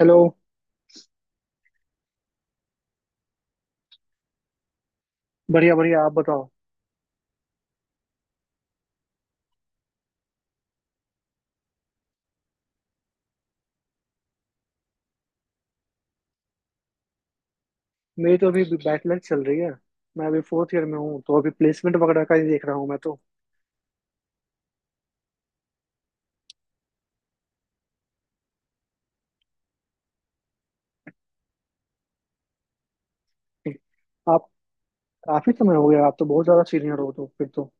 Hello. बढ़िया बढ़िया, आप बताओ। मेरी तो अभी बैचलर चल रही है। मैं अभी फोर्थ ईयर में हूँ, तो अभी प्लेसमेंट वगैरह का ही देख रहा हूँ मैं तो। आप। काफी समय हो गया, आप तो बहुत ज्यादा सीनियर हो, तो फिर तो।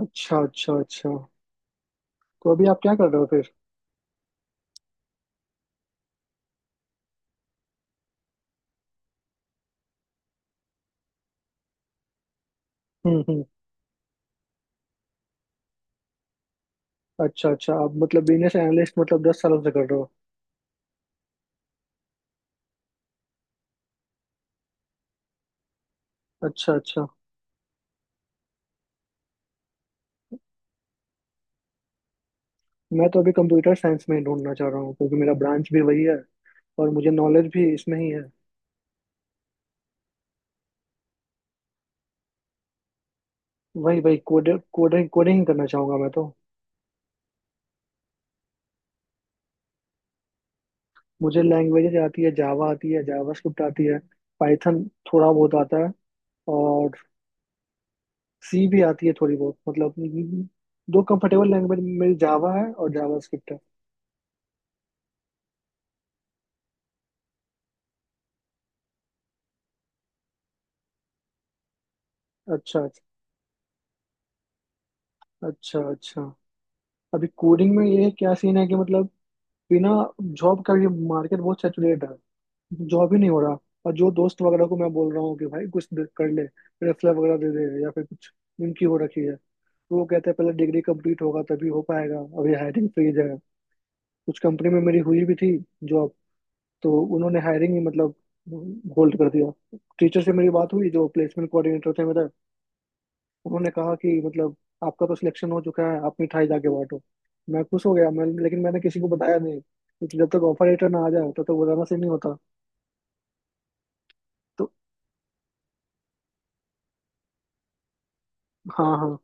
अच्छा अच्छा अच्छा। तो अभी आप क्या कर रहे हो फिर? हम्म। अच्छा अच्छा, आप मतलब बिजनेस एनालिस्ट मतलब 10 सालों से कर रहे हो? अच्छा अच्छा। मैं तो अभी कंप्यूटर साइंस में ही ढूंढना चाह रहा हूँ क्योंकि मेरा ब्रांच भी वही है, और मुझे नॉलेज भी इसमें ही है। वही वही कोडिंग कोडिंग कोडिंग करना चाहूंगा मैं तो। मुझे लैंग्वेजेज आती है, जावा आती है, जावास्क्रिप्ट आती है, पाइथन थोड़ा बहुत आता है, और सी भी आती है थोड़ी बहुत, मतलब दो कंफर्टेबल लैंग्वेज मेरी जावा है और जावास्क्रिप्ट है। अच्छा अच्छा अच्छा अच्छा। अभी कोडिंग में ये क्या सीन है कि मतलब बिना जॉब का, ये मार्केट बहुत सैचुरेट है। जॉब ही नहीं हो रहा। और जो दोस्त वगैरह को मैं बोल रहा हूँ कि भाई कुछ कर ले, रेफरल वगैरह दे दे या फिर कुछ इनकी हो रखी है, तो वो कहते हैं पहले डिग्री कंप्लीट होगा तभी हो पाएगा, अभी हायरिंग फ्रीज है। कुछ कंपनी में मेरी हुई भी थी जॉब, तो उन्होंने हायरिंग ही मतलब होल्ड कर दिया। टीचर से मेरी बात हुई जो प्लेसमेंट कोऑर्डिनेटर थे मेरे, उन्होंने कहा कि मतलब आपका तो सिलेक्शन हो चुका है, आप मिठाई जाके बांटो। मैं खुश हो गया मैं, लेकिन मैंने किसी को बताया नहीं क्योंकि जब तक ऑफर लेटर ना आ जाए तब तक बताना सही नहीं होता। तो हाँ हाँ,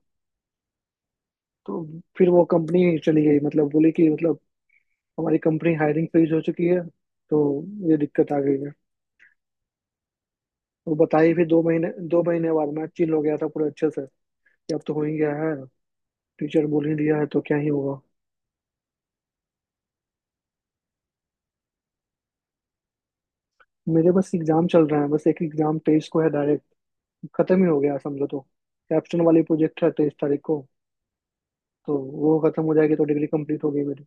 तो फिर वो कंपनी ही चली गई, मतलब बोली कि मतलब हमारी कंपनी हायरिंग फ्रीज हो चुकी है, तो ये दिक्कत आ गई है। वो बताई फिर दो महीने बाद मैं चिल हो गया था पूरे अच्छे से कि अब तो हो ही गया है, टीचर बोल ही दिया है तो क्या ही होगा। मेरे बस एग्जाम चल रहा है, बस एक एग्जाम 23 को है डायरेक्ट। खत्म ही हो गया समझो तो। कैप्स्टन वाली प्रोजेक्ट है 23 तारीख को, तो वो खत्म हो जाएगी, तो डिग्री कंप्लीट हो गई मेरी।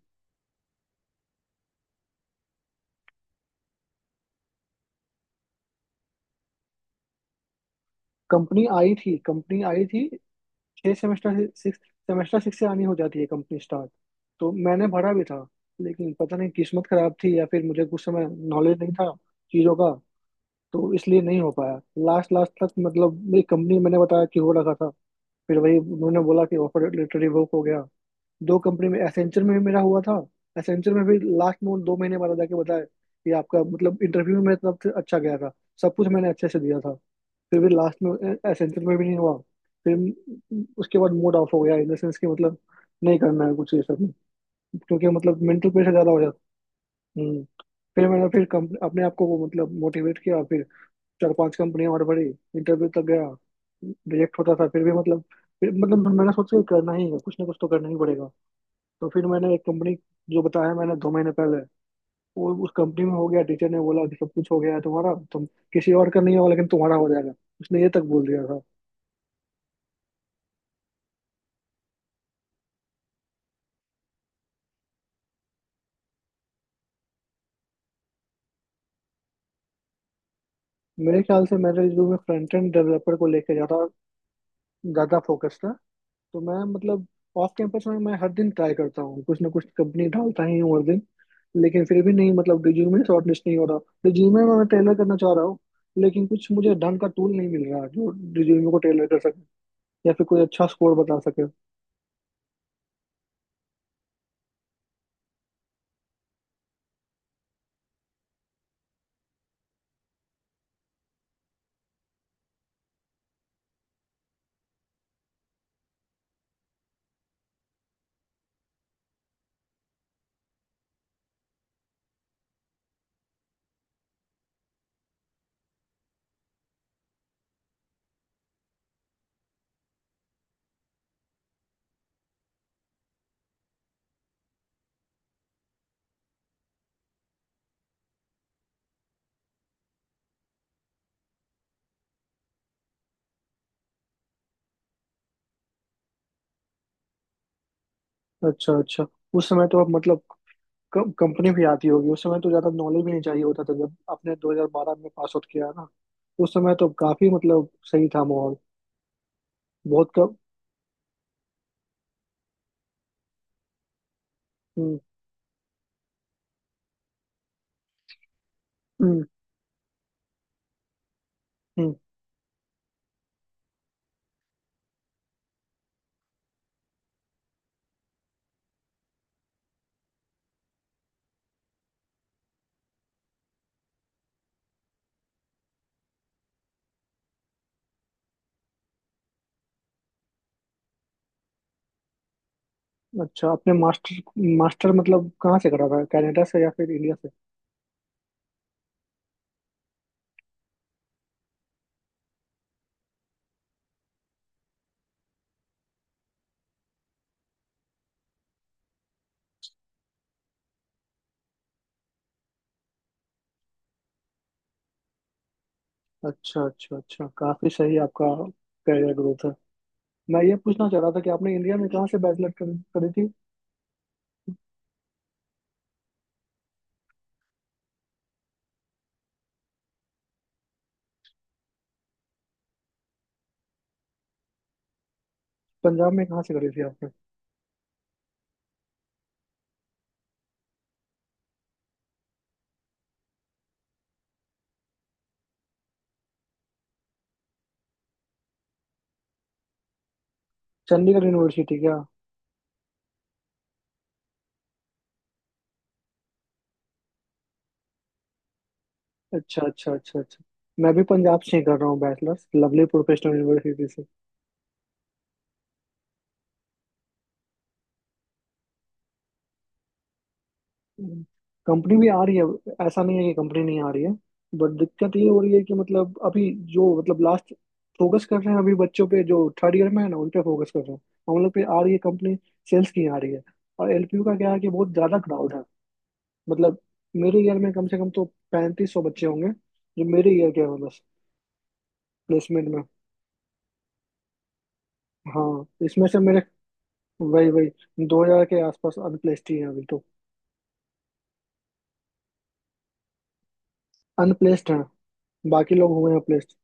कंपनी आई थी कंपनी आई थी। छह सेमेस्टर से सिक्स सेमेस्टर सिक्स से आनी हो जाती है कंपनी स्टार्ट, तो मैंने भरा भी था, लेकिन पता नहीं किस्मत खराब थी या फिर मुझे कुछ समय नॉलेज नहीं था चीज़ों का, तो इसलिए नहीं हो पाया। लास्ट लास्ट तक मतलब मेरी कंपनी मैंने बताया कि हो रखा था, फिर वही उन्होंने बोला कि ऑफर लेटर रिवोक हो गया। दो कंपनी में एसेंचर में भी मेरा हुआ था। एसेंचर में भी लास्ट में उन 2 महीने बाद जाके बताया कि आपका मतलब इंटरव्यू में मेरी तरफ से अच्छा गया था, सब कुछ मैंने अच्छे से दिया था, फिर भी लास्ट में एसेंचर में भी नहीं हुआ। फिर उसके बाद मूड ऑफ हो गया इन द सेंस कि मतलब नहीं करना है कुछ ये सब, क्योंकि मतलब मेंटल प्रेशर ज़्यादा हो जाता। हम्म। फिर मैंने फिर कंप अपने आप को वो मतलब मोटिवेट किया फिर। चार पांच कंपनियां और बड़ी इंटरव्यू तक गया, रिजेक्ट होता था फिर भी मतलब। फिर मतलब मैंने सोचा कि करना ही है कुछ ना कुछ तो करना ही पड़ेगा, तो फिर मैंने एक कंपनी जो बताया मैंने 2 महीने पहले वो उस कंपनी में हो गया। टीचर ने बोला कि सब कुछ हो गया है तुम्हारा, तुम किसी और का नहीं होगा लेकिन तुम्हारा हो जाएगा, उसने ये तक बोल दिया था। मेरे ख्याल से मेरे जो मैं फ्रंट एंड डेवलपर को लेके ज्यादा ज्यादा फोकस था, तो मैं मतलब ऑफ कैंपस में मैं हर दिन ट्राई करता हूँ, कुछ ना कुछ कंपनी डालता ही हूँ हर दिन, लेकिन फिर भी नहीं, मतलब रिज्यूमे शॉर्ट लिस्ट नहीं हो रहा। रिज्यूमे में मैं टेलर करना चाह रहा हूँ, लेकिन कुछ मुझे ढंग का टूल नहीं मिल रहा जो रिज्यूमे को टेलर कर सके या फिर कोई अच्छा स्कोर बता सके। अच्छा अच्छा। उस समय तो अब मतलब कंपनी भी आती होगी, उस समय तो ज्यादा नॉलेज भी नहीं चाहिए होता था, जब आपने 2012 में पास आउट किया ना, उस समय तो काफी मतलब सही था माहौल। बहुत कम। हम्म हम्म हम्म। अच्छा, आपने मास्टर मास्टर मतलब कहाँ से करा था, कनाडा से या फिर इंडिया से? अच्छा अच्छा अच्छा, काफी सही आपका करियर ग्रोथ है। मैं ये पूछना चाह रहा था कि आपने इंडिया में कहाँ से बैचलर करी थी? पंजाब में कहाँ से करी थी आपने? चंडीगढ़ यूनिवर्सिटी क्या? अच्छा अच्छा अच्छा अच्छा। मैं भी पंजाब से ही कर रहा हूँ बैचलर्स, लवली प्रोफेशनल यूनिवर्सिटी से। कंपनी भी आ रही है, ऐसा नहीं है कि कंपनी नहीं आ रही है, बट दिक्कत ये हो रही है कि मतलब अभी जो मतलब लास्ट फोकस कर रहे हैं अभी बच्चों पे, जो थर्ड ईयर में है ना उन पे फोकस कर रहे हैं। हम लोग पे आ रही है कंपनी, सेल्स की आ रही है। और एलपीयू का क्या है कि बहुत ज्यादा क्राउड है, मतलब मेरे ईयर में कम से कम तो 3500 बच्चे होंगे जो मेरे ईयर के हैं बस। प्लेसमेंट में। हाँ इसमें से मेरे वही वही 2000 के आसपास अनप्लेस्ड ही हैं अभी तो। अनप्लेस्ड है, बाकी लोग हुए हैं प्लेस्ड।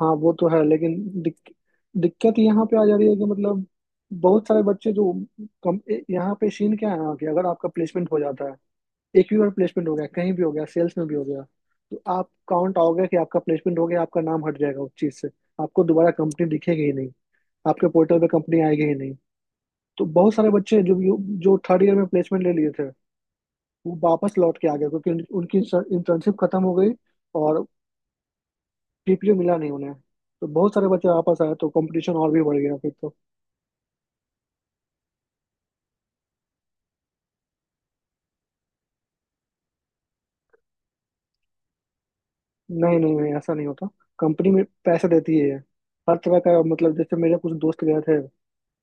हाँ वो तो है लेकिन दिक, दिक्कत यहाँ पे आ जा रही है कि मतलब बहुत सारे बच्चे जो यहाँ पे सीन क्या है यहाँ के, अगर आपका प्लेसमेंट हो जाता है, एक भी बार प्लेसमेंट हो गया, कहीं भी हो गया, सेल्स में भी हो गया, तो आप काउंट आओगे कि आपका प्लेसमेंट हो गया, आपका नाम हट जाएगा उस चीज से, आपको दोबारा कंपनी दिखेगी ही नहीं, आपके पोर्टल पे कंपनी आएगी ही नहीं। तो बहुत सारे बच्चे जो जो थर्ड ईयर में प्लेसमेंट ले लिए थे वो वापस लौट के आ गए क्योंकि उनकी इंटर्नशिप खत्म हो गई, और जीपीयू मिला नहीं उन्हें, तो बहुत सारे बच्चे वापस आए तो कंपटीशन और भी बढ़ गया फिर तो। नहीं नहीं नहीं, ऐसा नहीं होता। कंपनी में पैसे देती है, हर तरह का मतलब जैसे मेरे कुछ दोस्त गए थे,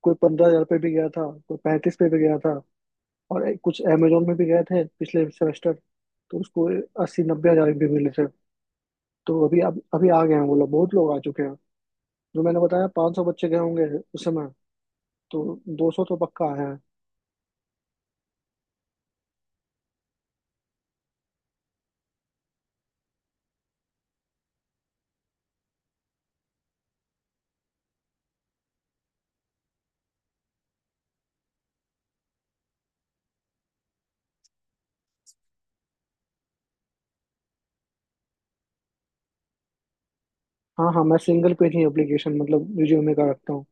कोई 15,000 पे भी गया था, कोई 35 पे भी गया था। और कुछ अमेजोन में भी गए थे पिछले सेमेस्टर, तो उसको 80-90 हजार भी मिले थे। तो अभी अब अभी आ गए हैं वो लोग, बहुत लोग आ चुके हैं। जो मैंने बताया 500 बच्चे गए होंगे उस समय, तो 200 तो पक्का आए हैं। हाँ हाँ, मैं सिंगल पेज ही एप्लीकेशन मतलब रिज्यूमे का रखता हूँ।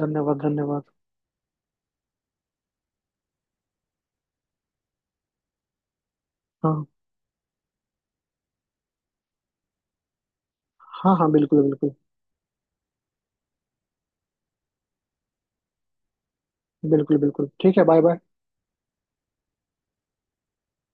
धन्यवाद धन्यवाद। हाँ। हाँ हाँ बिल्कुल बिल्कुल। बिल्कुल बिल्कुल ठीक है, बाय बाय।